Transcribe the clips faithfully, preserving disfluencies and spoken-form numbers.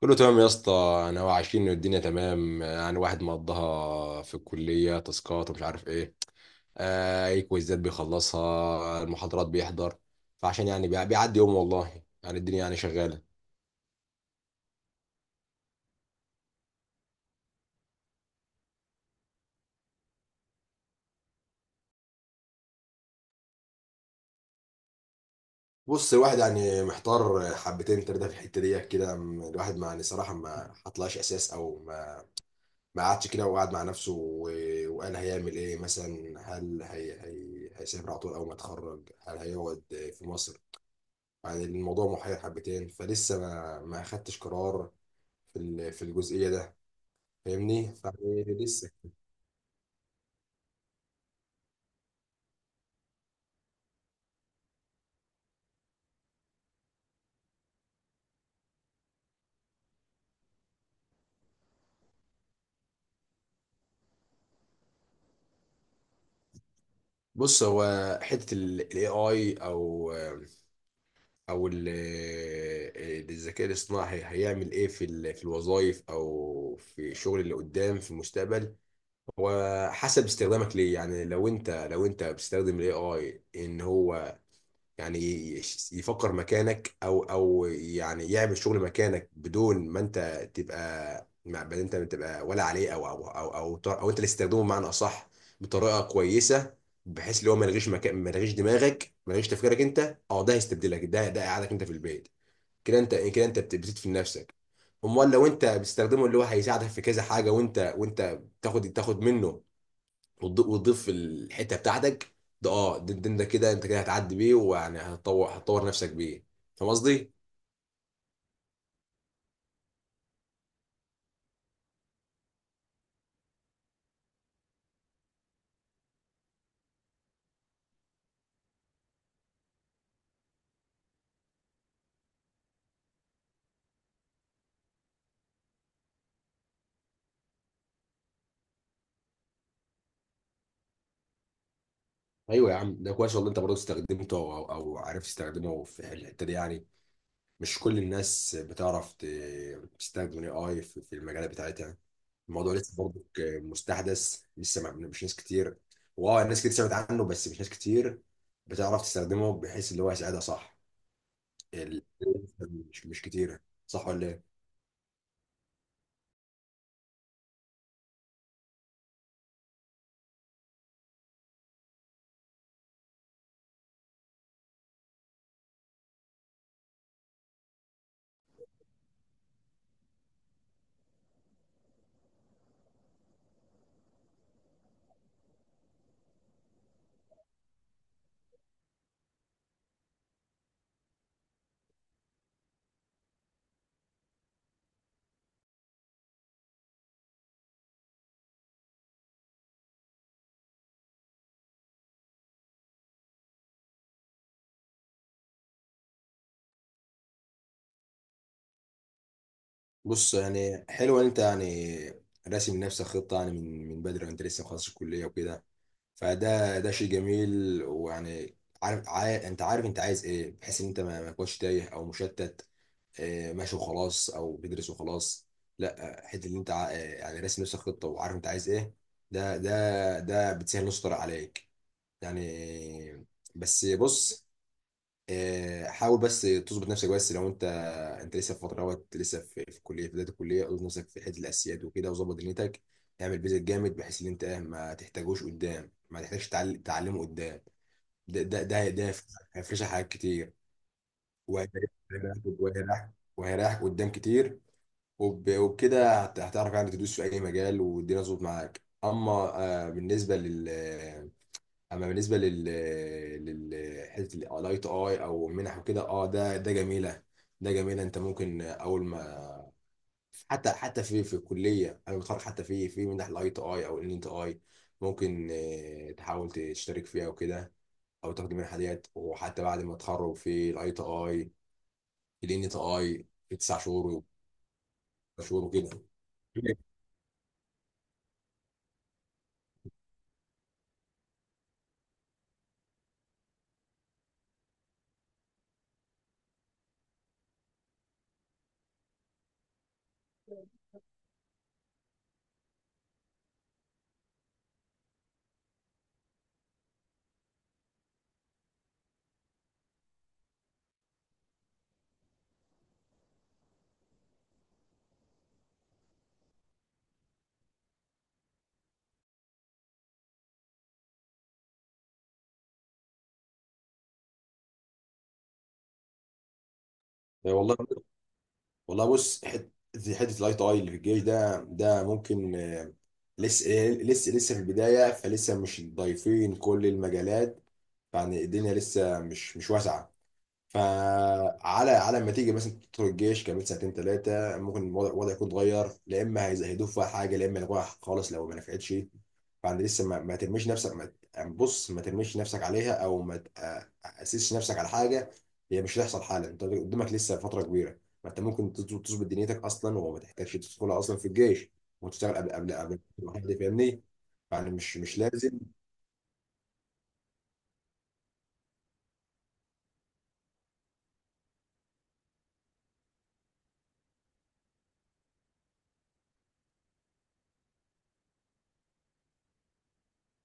كله تمام يا اسطى. انا وعارفين ان الدنيا تمام، يعني واحد مقضاها في الكليه، تاسكات ومش عارف ايه، آه اي كويزات بيخلصها، المحاضرات بيحضر، فعشان يعني بيع- بيعدي يوم. والله يعني الدنيا يعني شغاله. بص الواحد يعني محتار حبتين ثلاثه في الحته دي كده، م- الواحد ما يعني صراحه ما حطلعش اساس، او ما ما قعدش كده، وقعد مع نفسه و- وقال هيعمل ايه، مثلا هل هي هي هيسافر على طول اول ما يتخرج، هل هيقعد في مصر؟ يعني الموضوع محير حبتين فلسه ما ما اخدتش قرار في ال- في الجزئيه ده، فاهمني؟ فيعني لسه. بص هو حته الاي اي، او او ال- الذكاء الاصطناعي هيعمل ايه في ال- في الوظائف او في الشغل اللي قدام في المستقبل. هو حسب استخدامك ليه، يعني لو انت لو انت بتستخدم الاي اي ان هو يعني يش- يفكر مكانك، او او يعني يعمل شغل مكانك بدون ما انت تبقى، ما ما انت تبقى ولا عليه، او او او او, ت- أو انت اللي تستخدمه بمعنى اصح، بطريقه كويسه، بحيث اللي هو ما يلغيش مكان، ما يلغيش دماغك، ما يلغيش تفكيرك انت. اه ده هيستبدلك، ده ده قعدك انت في البيت كده. انت كده انت بت- بتدفن نفسك. امال لو انت بتستخدمه، اللي هو هيساعدك في كذا حاجه، وانت وانت تاخد تاخد منه وتض- وتضيف الحته بتاعتك. ده اه ده ده- ده كده انت، كده هتعدي بيه، ويعني هتطور هتطور نفسك بيه. فاهم قصدي؟ ايوه يا عم، ده كويس والله. انت برضه استخدمته او او أو عرفت تستخدمه في الحته دي يعني. مش كل الناس بتعرف ت- تستخدم الاي اي في في المجالات بتاعتها. الموضوع لسه برضه مستحدث، لسه ما- مش ناس كتير. واه ناس كتير سمعت عنه بس مش ناس كتير بتعرف تستخدمه بحيث اللي هو يساعدها صح. ال- مش مش كتيره، صح ولا ايه؟ بص يعني حلو ان انت يعني راسم لنفسك خطه، يعني من من بدري وانت لسه مخلص الكليه وكده، فده ده شيء جميل ويعني عارف عارف انت عارف انت عايز ايه، بحيث ان انت ما ما تكونش تايه او مشتت. آه، ماشي وخلاص، او بتدرس وخلاص، لا آه، حته اللي انت ع- آه، يعني راسم نفسك خطه وعارف انت عايز ايه. ده ده ده بتسهل نص طريق عليك يعني. بس بص، آه، حاول بس تظبط نفسك، بس لو انت، انت لسه في فتره، وقت لسه في في الكليه، في بدايه الكليه اظبط نفسك في حته الاسياد وكده، وظبط دنيتك. اعمل بيزك جامد، بحيث ان انت إيه، ما تحتاجوش قدام، ما تحتاجش تعل- تعلمه قدام. ده ده ده ده هيف- هيفرشك حاجات كتير، وهيريحك وهيريحك وهيريحك قدام كتير. وب- وبكده هت- هتعرف يعني تدوس في اي مجال، والدنيا تظبط معاك. اما آه، بالنسبه لل، اما بالنسبه لل لل حته الاي تو اي او منح وكده، اه ده ده جميله. ده جميله، انت ممكن اول ما، حتى حتى في في الكليه انا بتخرج، حتى في في منح الاي تو اي او الان تو اي، ممكن آه، تحاول تشترك فيها وكده، او تاخد منحه ديت، وحتى بعد ما تخرج في الاي تو اي الان تو اي في تسع شهور شهور وكده. والله والله بص حته حته الاي تو اي اللي في الجيش ده، ده ممكن آه، لسه لسه لسه في البداية، فلسه مش ضايفين كل المجالات. يعني الدنيا لسه مش مش واسعة. فعلى على ما تيجي مثلا تدخل الجيش كمان سنتين ثلاثه، ممكن الوضع الوضع يكون اتغير، لا اما هيزودوا فيها حاجه، لا اما يلغوها خالص لو ما نفعتش. فانت لسه ما, ما ترميش نفسك، ما ت- يعني بص ما ترميش نفسك عليها، او ما تاسسش نفسك على حاجه هي مش هتحصل حالا. انت قدامك لسه فتره كبيره، ما انت ممكن تظبط تظبط دنيتك اصلا، وما تحتاجش تدخلها اصلا في الجيش، وتشتغل قبل قبل قبل ما حد. فاهمني؟ يعني مش مش لازم.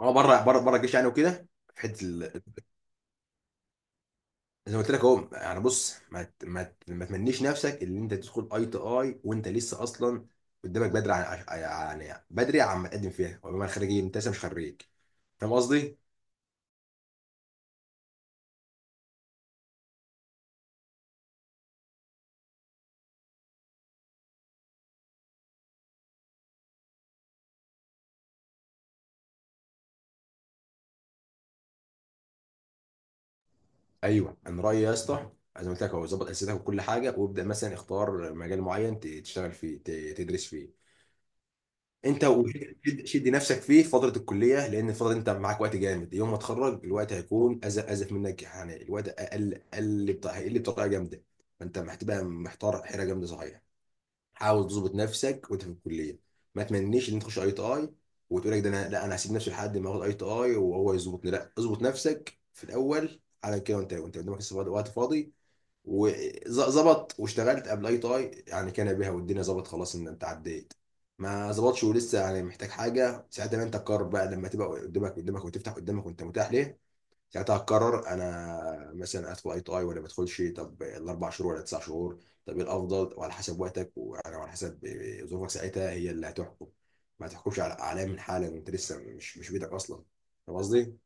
اه بره بره بره الجيش يعني وكده. في حته زي ما قلت لك اهو، يعني بص ما ت- ما ت- ما تمنيش نفسك اللي انت تدخل اي تي اي وانت لسه اصلا قدامك بدري عن، يعني بدري عن ما تقدم فيها، وبما خريجين انت لسه مش خريج. فاهم قصدي؟ ايوه انا رايي يا اسطى، زي ما قلت لك اهو ظبط اسئلتك وكل حاجه، وابدا مثلا اختار مجال معين ت- تشتغل فيه، ت- تدرس فيه. انت وشد- شد نفسك فيه في فتره الكليه، لان الفتره دي انت معاك وقت جامد. يوم ما تخرج الوقت هيكون ازف ازف منك، يعني الوقت اقل اقل بتاع، هيقل بطريقه جامده. فانت محتبقى محتار حيره جامده، صحيح. حاول تظبط نفسك وانت في الكليه، ما تمنيش ان انت تخش اي تي اي وتقول لك ده، انا لا انا هسيب نفسي لحد ما اخد اي تي اي وهو يظبطني. لا اظبط نفسك في الاول على كده، وانت وانت قدامك لسه وقت وقت فاضي، وظبط واشتغلت قبل اي تاي يعني، كان بها والدنيا ظبط خلاص ان انت عديت. ما ظبطش ولسه يعني محتاج حاجه، ساعتها بقى انت تقرر بقى لما تبقى قدامك قدامك وتفتح قدامك وانت متاح ليه. ساعتها هتقرر انا مثلا ادخل اي تاي ولا ما ادخلش، طب الاربع شهور ولا تسع شهور، طب ايه الافضل، وعلى حسب وقتك وعلى وعلى حسب ظروفك، ساعتها هي اللي هتحكم. ما تحكمش على اعلام من حالا وانت لسه مش مش بيدك اصلا. فاهم قصدي؟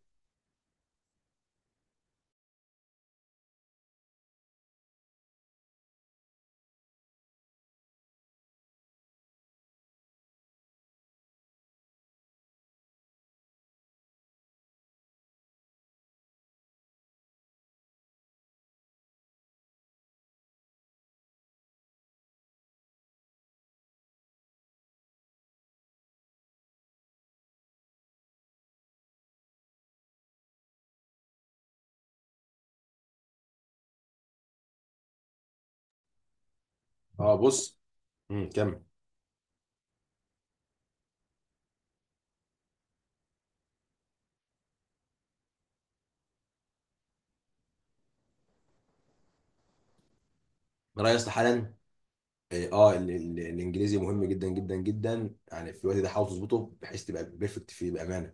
اه بص، امم كمل. رأي اصلا حالا، إيه، اه ال- ال- الانجليزي مهم جدا جدا جدا، يعني في الوقت ده حاول تظبطه بحيث تبقى بيرفكت فيه بامانه.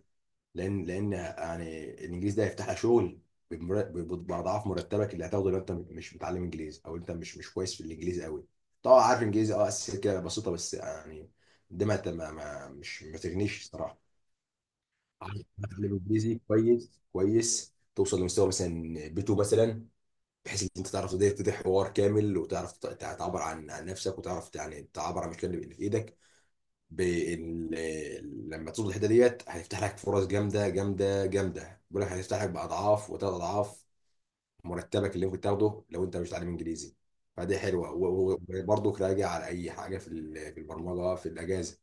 لان لان يعني الانجليزي ده هيفتح لك شغل بمر- ب- باضعاف مرتبك اللي هتاخده، لو انت مش متعلم انجليزي، او انت مش مش كويس في الانجليزي قوي. طبعا عارف انجليزي، اه اساسيات كده بسيطه بس يعني. ده ما ت- ما ما- مش ما تغنيش الصراحه. عايز تتعلم انجليزي كويس كويس، توصل لمستوى مثلا بي تو مثلا، بحيث ان انت تعرف تبتدي تبتدي حوار كامل، وتعرف تع- تعبر عن عن نفسك، وتعرف يعني تعبر عن المشكله اللي اللي في ايدك. بال... لما تصل الحته ديت هيفتح لك فرص جامده جامده جامده، بيقول لك هيفتح لك باضعاف وثلاث اضعاف مرتبك اللي ممكن تاخده لو انت مش تعلم انجليزي. فدي حلوه، و- و- وبرضه راجع على اي حاجه في ال- في البرمجه في الاجازه.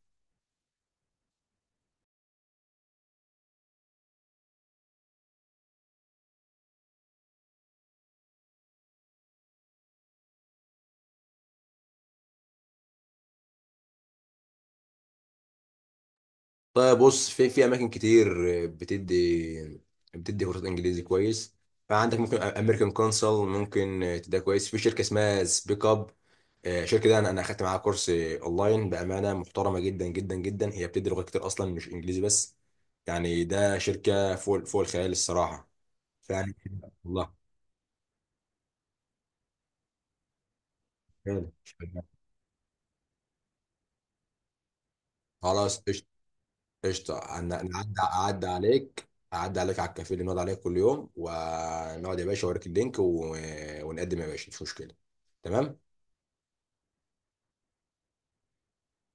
طيب بص، في في اماكن كتير بتدي بتدي كورسات انجليزي كويس. فعندك ممكن امريكان كونسل ممكن تديها كويس، في شركه اسمها سبيك اب. آه، الشركه دي انا انا اخدت معاها كورس اونلاين، بامانه محترمه جدا جدا جدا، هي بتدي لغات كتير اصلا مش انجليزي بس. يعني ده شركه فوق فوق الخيال الصراحه. فعلا والله. فعلا. خلاص قشطة. قشطة. عن- نعدي أعدي عليك. أعدي عليك على الكافيه اللي بنقعد عليه كل يوم، ونقعد يا باشا أوريك اللينك و... ونقدم يا باشا، مش مشكلة. تمام.